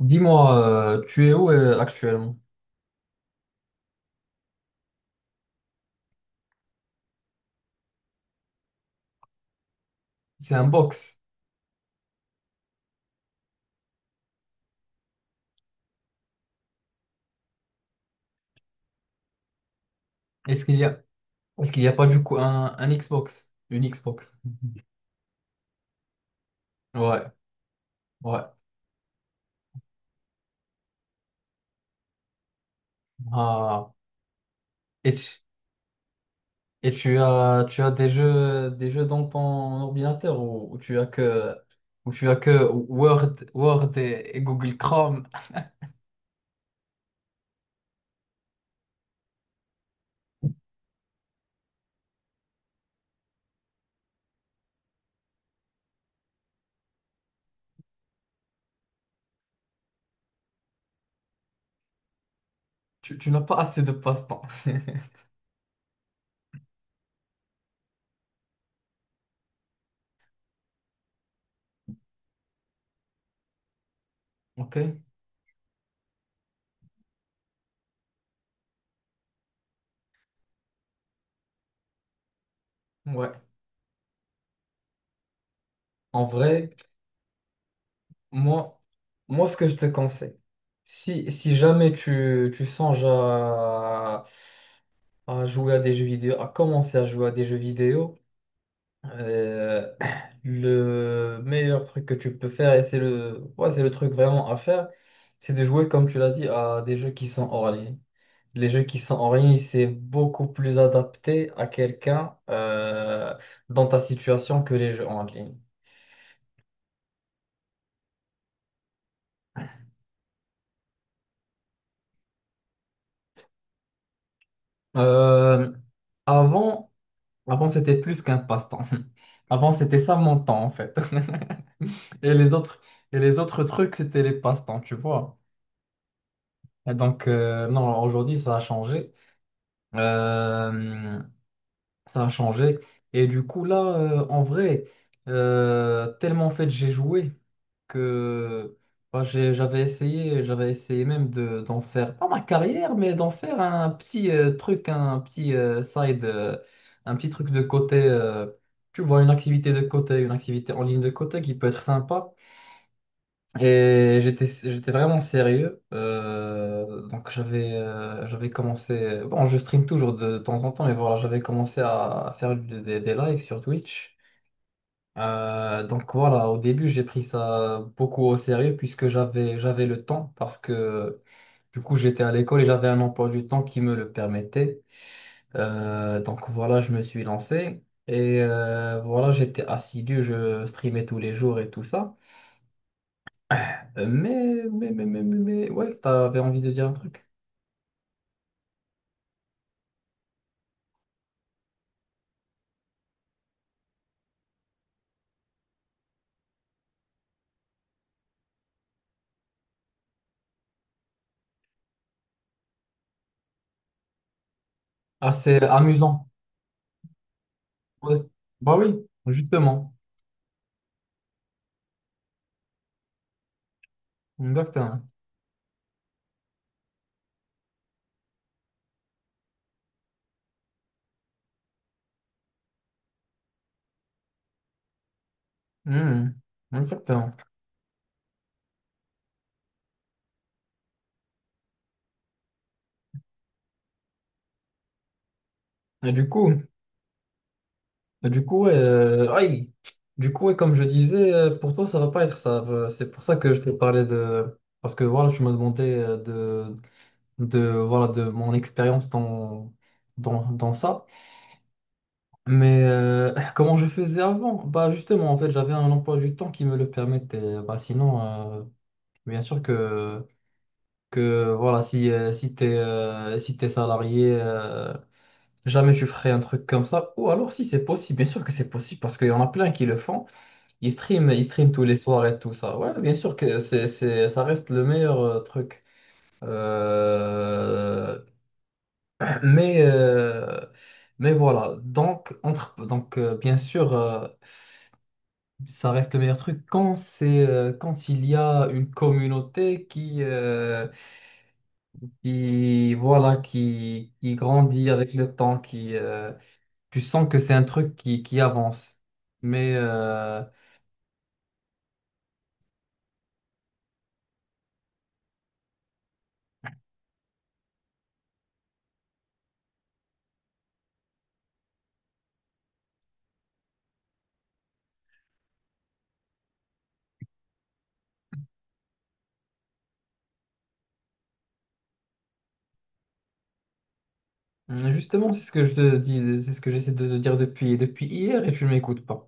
Dis-moi, tu es où actuellement? C'est un box. Est-ce qu'il y a, est-ce qu'il n'y a pas du coup un Xbox? Une Xbox. Ouais, ouais. Ah. Et, tu, tu as des des jeux dans ton ordinateur ou tu as que ou tu as que Word et Google Chrome. Tu n'as pas assez de passe-temps. Ok, ouais. En vrai, moi, moi, ce que je te conseille, si jamais tu songes à jouer à des jeux vidéo, à commencer à jouer à des jeux vidéo, euh, le meilleur truc que tu peux faire, et c'est c'est le truc vraiment à faire, c'est de jouer, comme tu l'as dit, à des jeux qui sont hors ligne. Les jeux qui sont hors ligne, c'est beaucoup plus adapté à quelqu'un dans ta situation que les jeux en ligne. Euh, avant, avant c'était plus qu'un passe-temps. Avant, c'était ça mon temps, en fait. Et les autres, et les autres trucs, c'était les passe-temps, tu vois. Et donc, non, aujourd'hui, ça a changé. Euh, ça a changé. Et du coup, là, en vrai, tellement en fait, j'ai joué que bah, j'avais j'avais essayé même d'en faire, pas ma carrière, mais d'en faire un petit truc, un petit side, un petit truc de côté. Tu vois, une activité de côté, une activité en ligne de côté qui peut être sympa. Et j'étais vraiment sérieux. Donc j'avais commencé. Bon, je stream toujours de temps en temps, mais voilà, j'avais commencé à faire des lives sur Twitch. Donc voilà, au début, j'ai pris ça beaucoup au sérieux puisque j'avais le temps parce que du coup, j'étais à l'école et j'avais un emploi du temps qui me le permettait. Donc voilà, je me suis lancé et voilà, j'étais assidu, je streamais tous les jours et tout ça. Ouais, t'avais envie de dire un truc. Assez amusant. Ouais. Bah oui, justement. Exactement. Mhm. Exactement. Et du coup, et du coup, ouais, aïe. Du coup, et comme je disais, pour toi, ça va pas être ça. C'est pour ça que je te parlais parce que voilà, je me demandais voilà, de mon expérience dans ça. Mais comment je faisais avant? Bah justement, en fait, j'avais un emploi du temps qui me le permettait. Bah sinon. euh, Bien sûr que voilà, si t'es salarié, jamais tu ferais un truc comme ça. Ou alors si c'est possible, bien sûr que c'est possible parce qu'il y en a plein qui le font. Ils streament tous les soirs et tout ça. Ouais, bien sûr que ça reste le meilleur truc. Euh, mais, euh, mais voilà, donc, entre, donc bien sûr, ça reste le meilleur truc quand quand il y a une communauté qui voilà qui grandit avec le temps qui tu sens que c'est un truc qui avance mais justement c'est ce que je te dis c'est ce que j'essaie de te dire depuis hier et tu ne m'écoutes pas.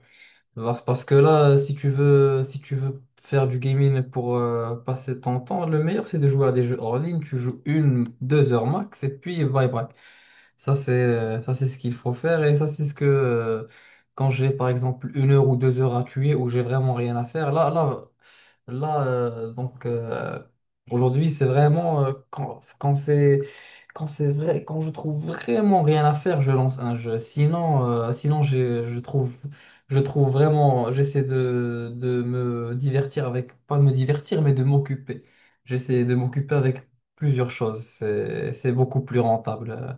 Parce que là si tu veux faire du gaming pour passer ton temps le meilleur c'est de jouer à des jeux hors ligne, tu joues 1 2 heures max et puis bye bye. Ça, c'est ce qu'il faut faire. Et ça, c'est ce que quand j'ai par exemple 1 heure ou 2 heures à tuer où j'ai vraiment rien à faire. Là, euh, donc euh, aujourd'hui, c'est vraiment quand c'est vrai, quand je trouve vraiment rien à faire, je lance un jeu. Sinon, je trouve vraiment j'essaie de me divertir avec pas de me divertir, mais de m'occuper. J'essaie de m'occuper avec plusieurs choses. C'est beaucoup plus rentable.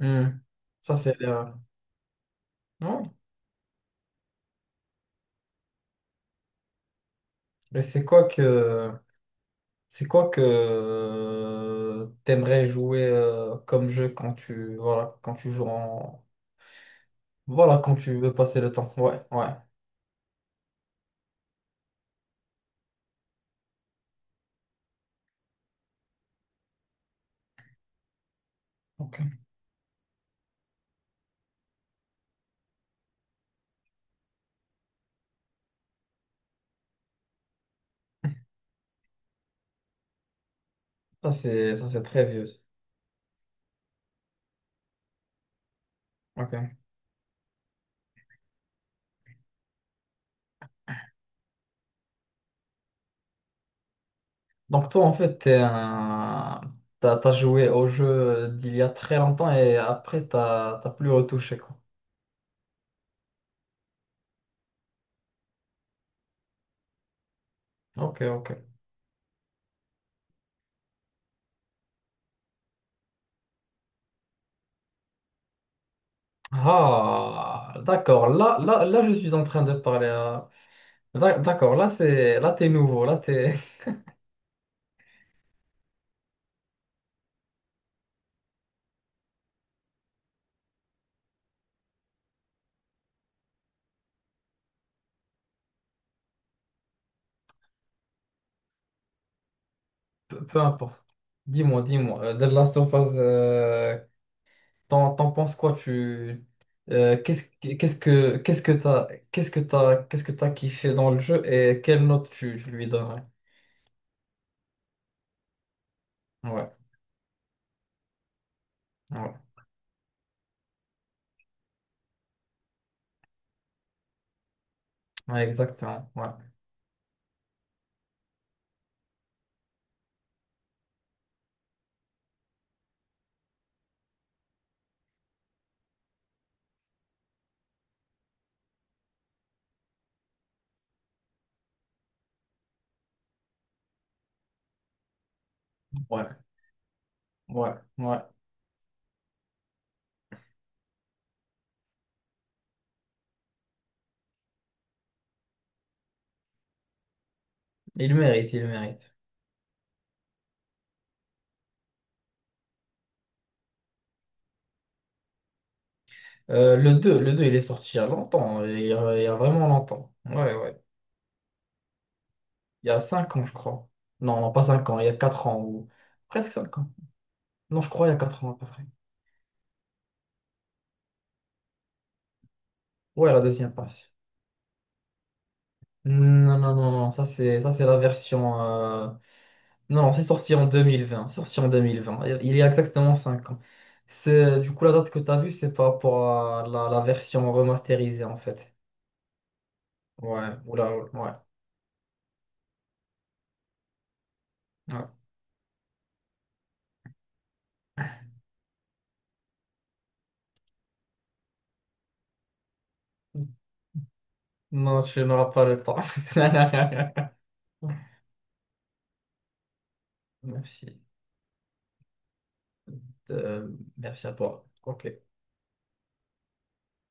Hmm. Ça, c'est non. Mais c'est quoi que t'aimerais jouer comme jeu quand tu joues en voilà quand tu veux passer le temps. Ouais, ouais. Ok. Ça c'est très vieux. Ça. Ok. Donc toi en fait t'as, t'as joué au jeu d'il y a très longtemps et après t'as plus retouché quoi. Ok, ok. Ah, d'accord. Là, je suis en train de parler à d'accord, là t'es nouveau, là t'es peu importe. Dis-moi, The Last of Us, t'en penses quoi tu qu'est-ce que- qu'est-ce que qu'est-ce que t'as qu'est-ce que t'as qu'est-ce que t'as kiffé dans le jeu et quelle note tu, tu lui donnerais? Ouais, ouais, ouais, exactement, ouais, ouais. Il mérite, il mérite. Le deux il est sorti il y a longtemps, hein, il y a vraiment longtemps. Ouais, ouais. Il y a 5 ans, je crois. Non, non, pas 5 ans, il y a 4 ans ou presque 5 ans. Non, je crois il y a 4 ans à peu près. Ouais, la deuxième passe. Non, non, non, non, ça c'est la version. Non, non, c'est sorti en 2020 c'est sorti en deux mille vingt, il y a exactement 5 ans. C'est du coup la date que tu as vue, c'est par rapport à la version remasterisée en fait. Ouais, oula, oula, ouais. Ouais. Non, tu n'auras pas le temps. Merci. Euh, merci à toi. Ok.